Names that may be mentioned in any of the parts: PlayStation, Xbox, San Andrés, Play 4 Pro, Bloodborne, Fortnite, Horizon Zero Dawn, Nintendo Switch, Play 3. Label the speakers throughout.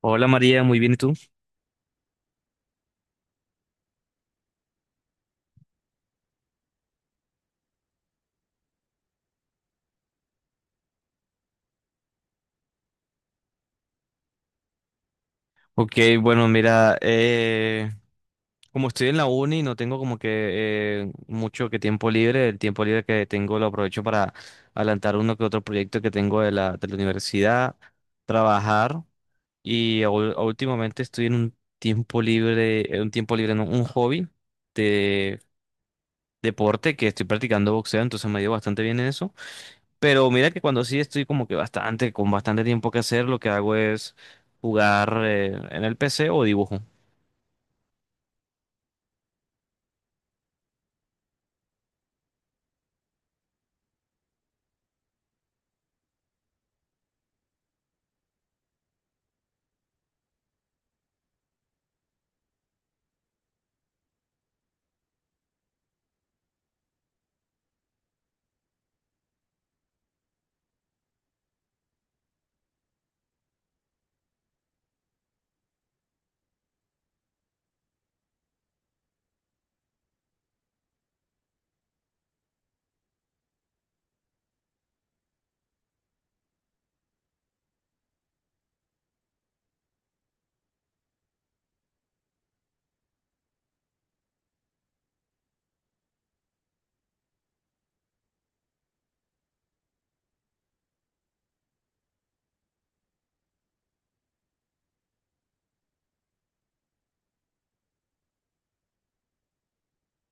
Speaker 1: Hola María, muy bien, ¿y tú? Ok, bueno, mira, como estoy en la uni, no tengo como que mucho que tiempo libre. El tiempo libre que tengo lo aprovecho para adelantar uno que otro proyecto que tengo de la universidad, trabajar y últimamente estoy en un tiempo libre, no, un hobby de deporte que estoy practicando boxeo, entonces me ha ido bastante bien en eso. Pero mira que cuando sí estoy como que bastante, con bastante tiempo que hacer, lo que hago es jugar en el PC o dibujo.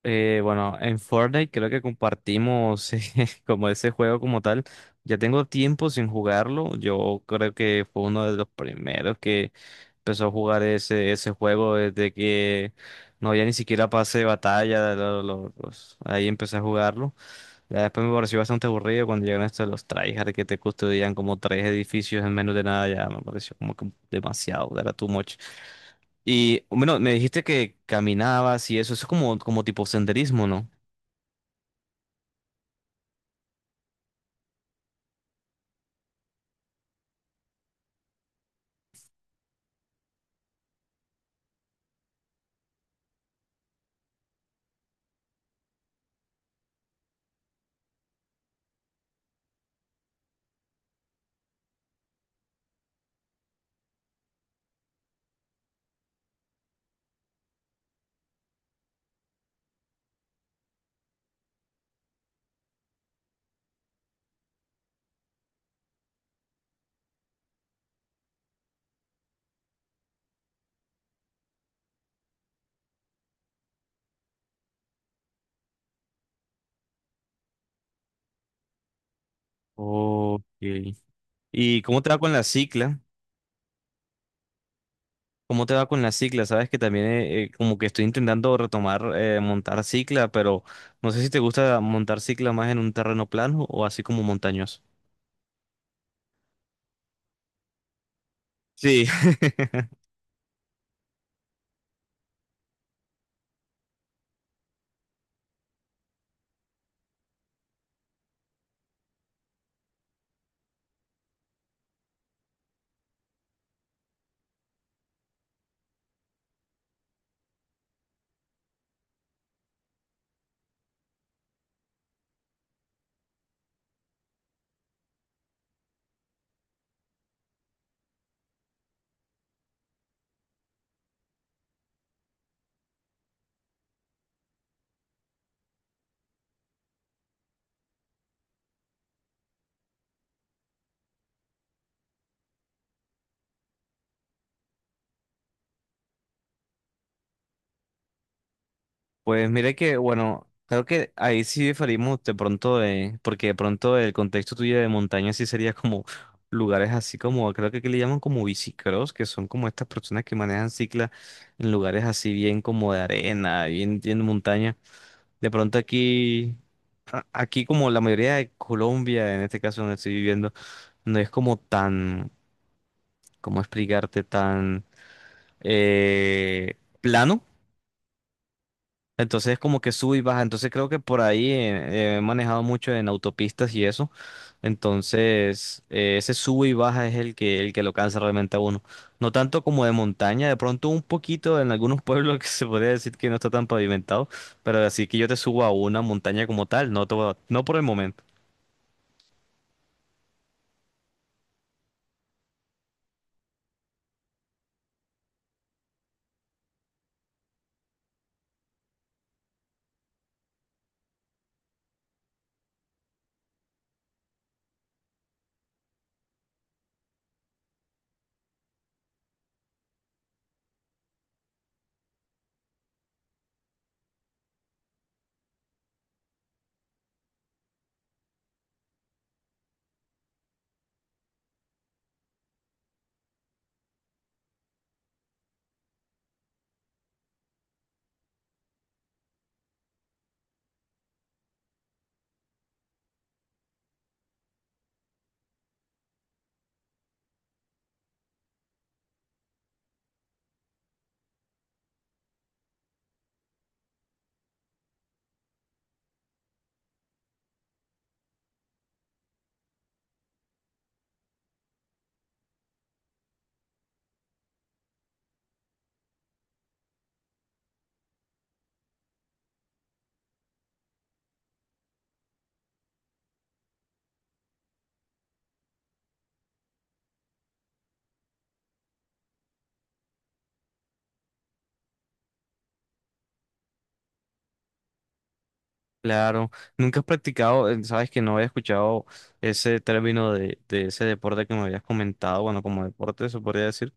Speaker 1: Bueno, en Fortnite creo que compartimos como ese juego como tal. Ya tengo tiempo sin jugarlo. Yo creo que fue uno de los primeros que empezó a jugar ese juego desde que no había ni siquiera pase de batalla. Ahí empecé a jugarlo. Ya después me pareció bastante aburrido cuando llegaron estos los tryhard que te custodian como tres edificios en menos de nada. Ya me pareció como que demasiado, era too much. Y bueno, me dijiste que caminabas y eso es como, como tipo senderismo, ¿no? Ok. ¿Y cómo te va con la cicla? ¿Cómo te va con la cicla? Sabes que también como que estoy intentando retomar montar cicla, pero no sé si te gusta montar cicla más en un terreno plano o así como montañoso. Sí. Pues mire que, bueno, creo que ahí sí diferimos de pronto, porque de pronto el contexto tuyo de montaña sí sería como lugares así como, creo que aquí le llaman como bicicross, que son como estas personas que manejan cicla en lugares así bien como de arena, bien, bien de montaña. De pronto aquí... aquí como la mayoría de Colombia, en este caso donde estoy viviendo, no es como tan, ¿cómo explicarte? Tan plano. Entonces es como que sube y baja. Entonces creo que por ahí he manejado mucho en autopistas y eso. Entonces ese sube y baja es el que lo cansa realmente a uno. No tanto como de montaña, de pronto un poquito en algunos pueblos que se podría decir que no está tan pavimentado, pero así que yo te subo a una montaña como tal, no, no por el momento. Claro, nunca has practicado, sabes que no había escuchado ese término de ese deporte que me habías comentado, bueno, como deporte, se podría decir.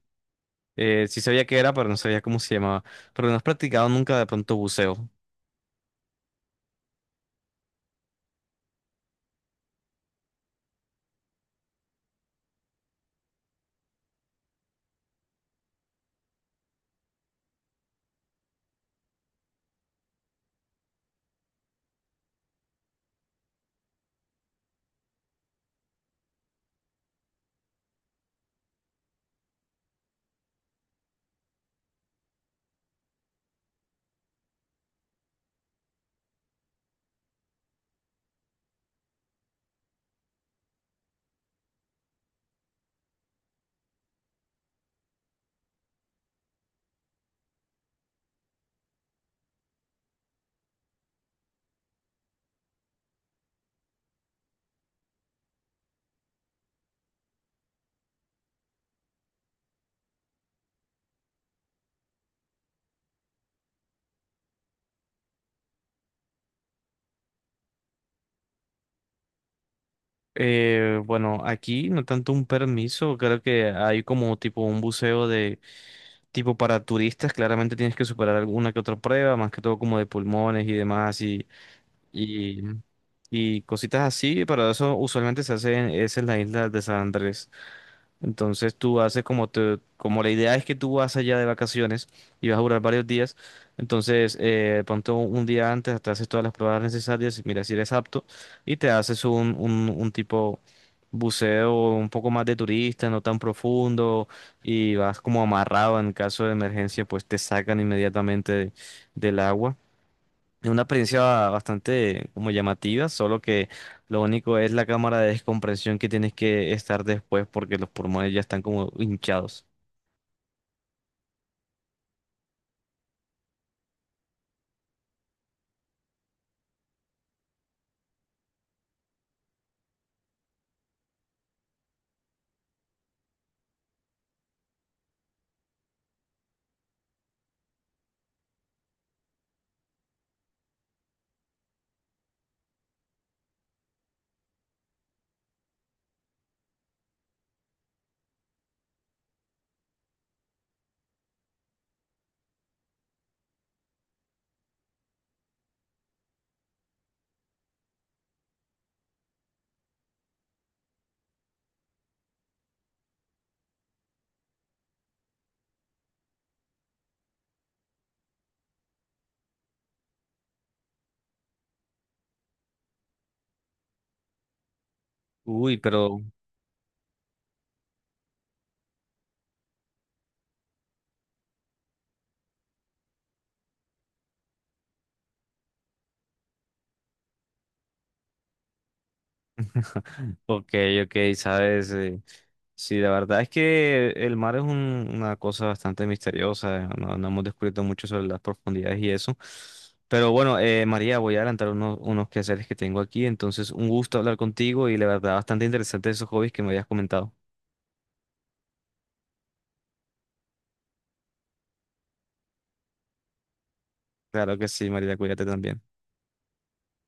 Speaker 1: Sí sabía qué era, pero no sabía cómo se llamaba. Pero no has practicado nunca de pronto buceo. Bueno, aquí no tanto un permiso, creo que hay como tipo un buceo de tipo para turistas, claramente tienes que superar alguna que otra prueba, más que todo como de pulmones y demás y, y cositas así, pero eso usualmente se hace en, es en la isla de San Andrés. Entonces tú haces como te, como la idea es que tú vas allá de vacaciones y vas a durar varios días, entonces ponte un día antes, te haces todas las pruebas necesarias, mira si eres apto y te haces un tipo buceo un poco más de turista, no tan profundo y vas como amarrado en caso de emergencia, pues te sacan inmediatamente del agua. Es una experiencia bastante como llamativa, solo que lo único es la cámara de descompresión que tienes que estar después porque los pulmones ya están como hinchados. Uy, pero ok, ok, sabes, sí, la verdad es que el mar es una cosa bastante misteriosa, no, no hemos descubierto mucho sobre las profundidades y eso. Pero bueno, María, voy a adelantar unos quehaceres que tengo aquí, entonces un gusto hablar contigo y la verdad bastante interesante esos hobbies que me habías comentado. Claro que sí, María, cuídate también.